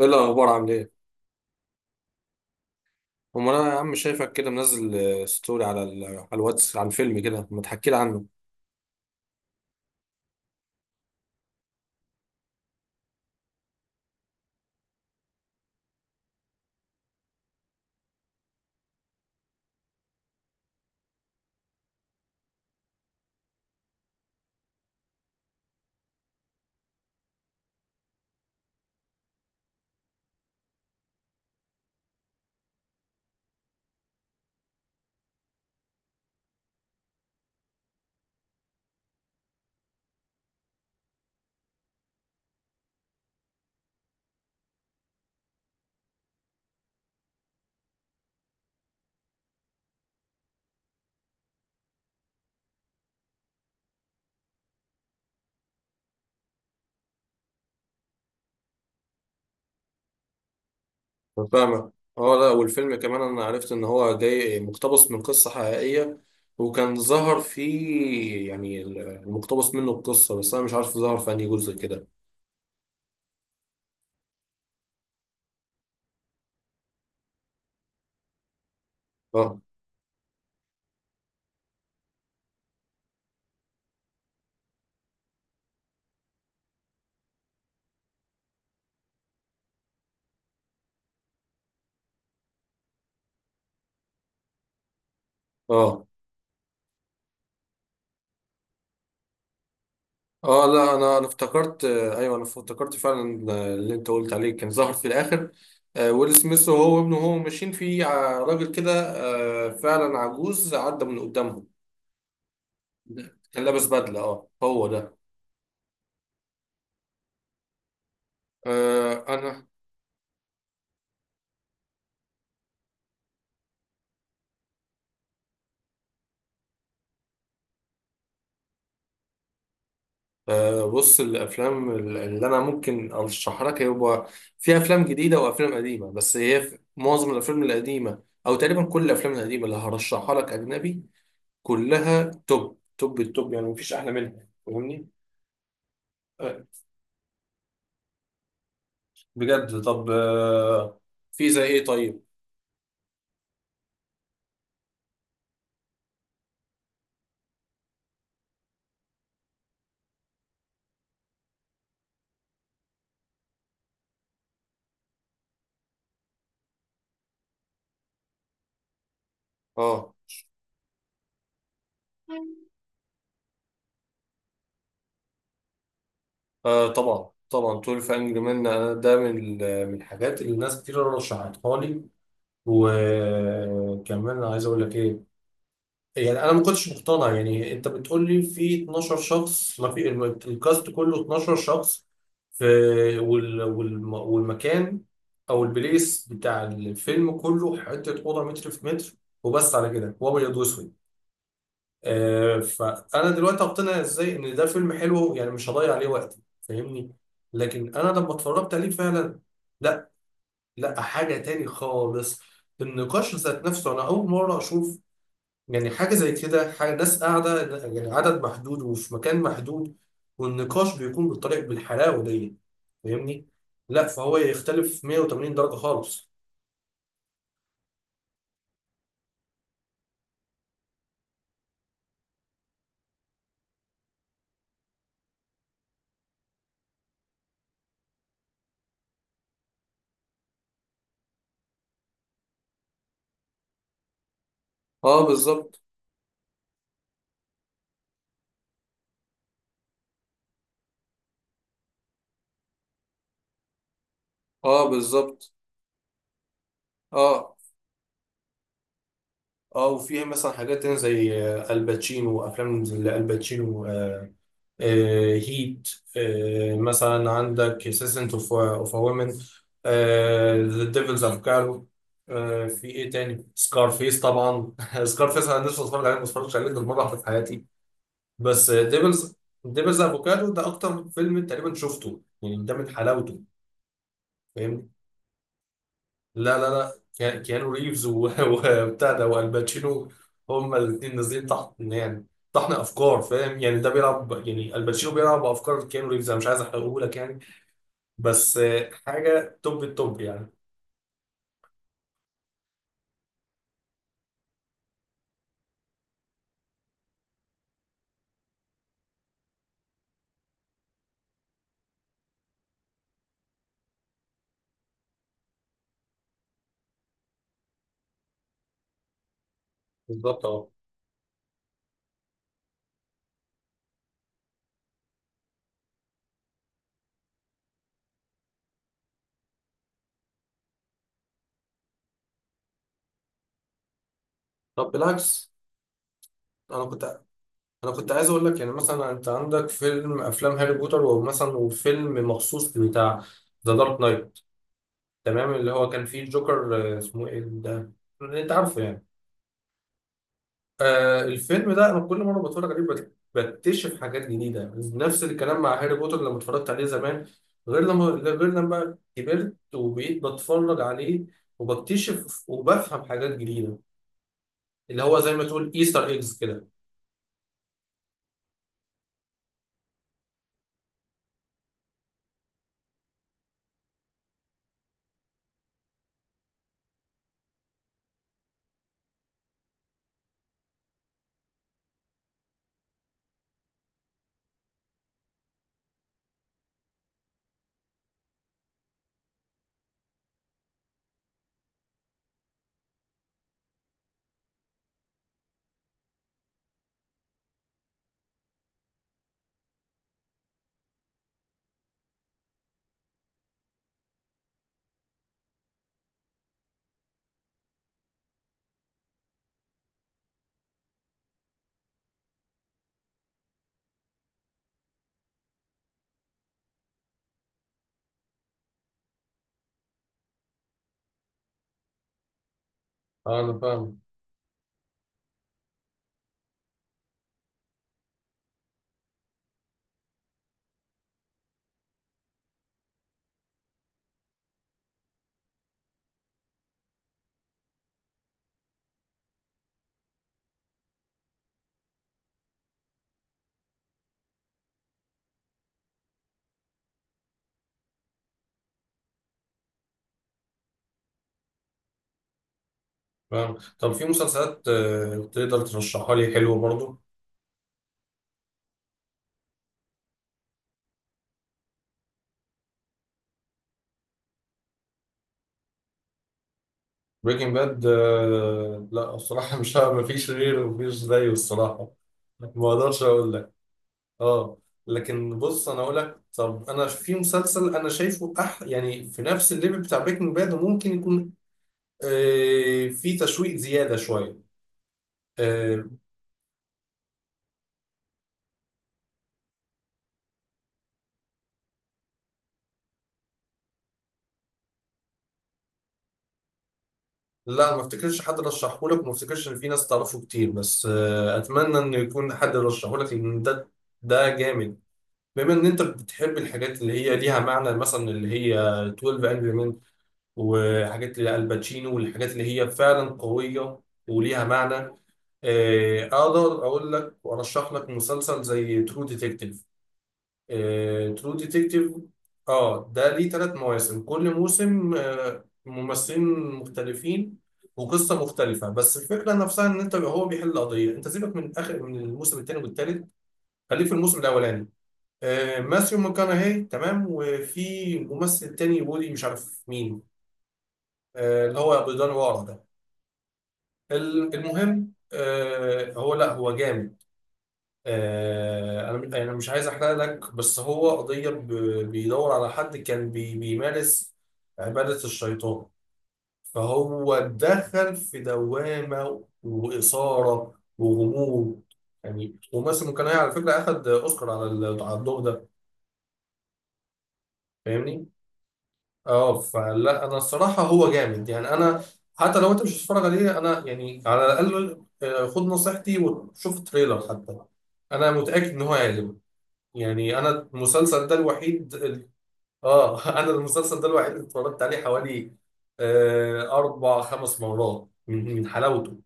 ايه الاخبار؟ عامل ايه؟ امال انا يا عم شايفك كده منزل. ستوري على على الواتس عن فيلم كده، ما تحكي لي عنه. أنا فاهمك. اه لا، والفيلم كمان انا عرفت ان هو جاي مقتبس من قصة حقيقية، وكان ظهر فيه يعني المقتبس منه القصة، بس انا مش عارف ظهر في انهي جزء كده. اه اه. اه لا، انا افتكرت، ايوه انا افتكرت فعلا اللي انت قلت عليه كان ظهر في الاخر. ويل سميث وهو وابنه وهو ماشيين في راجل كده، فعلا عجوز، عدى من قدامهم. كان لابس بدلة. اه، هو ده. آه انا. بص، الافلام اللي انا ممكن ارشحها لك هو في افلام جديده وافلام قديمه، بس هي في معظم الافلام القديمه او تقريبا كل الافلام القديمه اللي هرشحها لك اجنبي، كلها توب توب التوب يعني، مفيش احلى منها. فاهمني؟ آه، بجد. طب في زي ايه؟ طيب. اه، آه طبعا طبعا، 12 انجري مان. ده من من الحاجات اللي ناس كتير رشحتها لي. وكمان أنا عايز اقول لك ايه، يعني انا ما كنتش مقتنع، يعني انت بتقول لي في 12 شخص، ما في الكاست كله 12 شخص في، والمكان او البليس بتاع الفيلم كله حته اوضه متر في متر، وبس على كده، وابيض واسود. آه، فانا دلوقتي اقتنع ازاي ان ده فيلم حلو؟ يعني مش هضيع عليه وقتي، فاهمني. لكن انا لما اتفرجت عليه فعلا، لا، لا حاجة تاني خالص. النقاش ذات نفسه أنا أول مرة أشوف يعني حاجة زي كده، حاجة ناس قاعدة يعني عدد محدود وفي مكان محدود، والنقاش بيكون بالطريقة بالحلاوة دي. فاهمني؟ لا، فهو يختلف 180 درجة خالص. اه بالظبط. اه بالظبط. اه اه. وفيها مثلا حاجات تانية زي الباتشينو، وأفلام زي الباتشينو هيت، مثلا عندك سيسنت اوف وومن، ذا ديفلز افوكادو. في ايه تاني؟ سكارفيس طبعا. سكارفيس انا لسه بتفرج عليه، ما اتفرجتش عليه غير مره واحده في حياتي. بس ديفلز، ديفلز افوكادو ده اكتر فيلم تقريبا شفته، يعني ده من حلاوته. فاهمني؟ لا لا لا، كيانو ريفز وبتاع ده والباتشينو، هما الاثنين نازلين تحت يعني طحن افكار، فاهم يعني؟ ده بيلعب، يعني الباتشينو بيلعب بافكار كيانو ريفز. انا مش عايز احرقه لك يعني، بس حاجة توب التوب يعني. بالظبط اه. طب بالعكس، انا كنت انا كنت عايز اقول لك، يعني مثلا انت عندك فيلم، افلام هاري بوتر، ومثلا وفيلم مخصوص بتاع ذا دارك نايت، تمام، اللي هو كان فيه الجوكر، اسمه ايه ده، اللي انت عارفه يعني. الفيلم ده انا كل مره بتفرج عليه بكتشف حاجات جديده. نفس الكلام مع هاري بوتر، لما اتفرجت عليه زمان غير لما، كبرت وبقيت بتفرج عليه وبكتشف وبفهم حاجات جديده، اللي هو زي ما تقول ايستر ايجز كده. آه، انا فاهم. فاهم. طب في مسلسلات آه تقدر ترشحها لي حلوه برضو؟ بريكنج باد. آه لا، الصراحه مش ه- مفيش غيره، مفيش زيه الصراحه، ما اقدرش اقول لك. اه لكن بص انا اقول لك، طب انا في مسلسل انا شايفه أح يعني في نفس الليفل بتاع بريكنج باد، وممكن يكون في تشويق زياده شويه. آه لا، ما افتكرش حد رشحه لك، وما افتكرش ان في ناس تعرفه كتير، بس آه اتمنى ان يكون حد رشحه لك، لان ده ده جامد. بما ان انت بتحب الحاجات اللي هي ليها معنى، مثلا اللي هي 12 انجري مان وحاجات الباتشينو والحاجات اللي هي فعلا قويه وليها معنى، اقدر اقول لك وارشح لك مسلسل زي ترو ديتكتيف. ترو ديتكتيف. اه، ده ليه ثلاث مواسم، كل موسم ممثلين مختلفين وقصة مختلفة، بس الفكرة نفسها ان انت هو بيحل قضية. انت سيبك من اخر، من الموسم الثاني والثالث، خليك في الموسم الاولاني. ماثيو ماكونهي، تمام، وفي ممثل تاني بودي مش عارف مين، اللي هو ابو دان ورا ده. المهم، هو، لا، هو جامد. انا يعني مش عايز احرق لك، بس هو قضيه بيدور على حد كان بيمارس عباده الشيطان، فهو دخل في دوامه واثاره وغموض يعني. وماثل ممكن على فكره اخد اوسكار على على الدور ده. فاهمني؟ اه، فلا، انا الصراحه هو جامد يعني. انا حتى لو انت مش هتتفرج عليه، انا يعني على الاقل خد نصيحتي وشوف تريلر حتى. انا متاكد ان هو هيعجبك. يعني انا المسلسل ده الوحيد اه. انا المسلسل ده الوحيد اللي اتفرجت عليه حوالي اربع خمس مرات من حلاوته.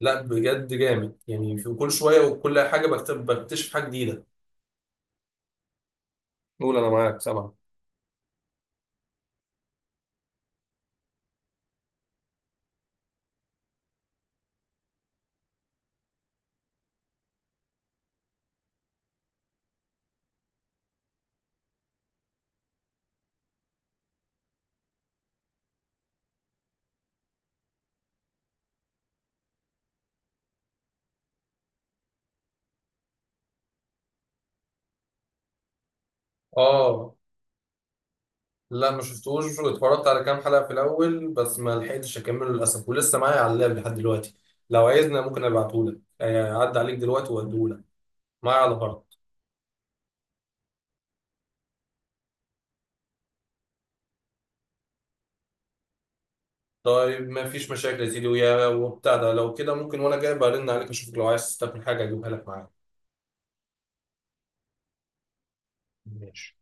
لا بجد جامد، يعني في كل شويه وكل حاجه بكتشف حاجه جديده. قول، انا معاك سامع. اه لا، ما شفتوش، اتفرجت على كام حلقه في الاول بس ما لحقتش اكمله للاسف، ولسه معايا على اللاب لحد دلوقتي. لو عايزنا ممكن ابعتهولك، اعدي عليك دلوقتي واديهولك معايا على. طيب، ما فيش مشاكل يا سيدي ويا وبتاع ده، لو كده ممكن وانا جاي برن عليك اشوفك، لو عايز تستقبل حاجه اجيبها لك معايا. ماشي.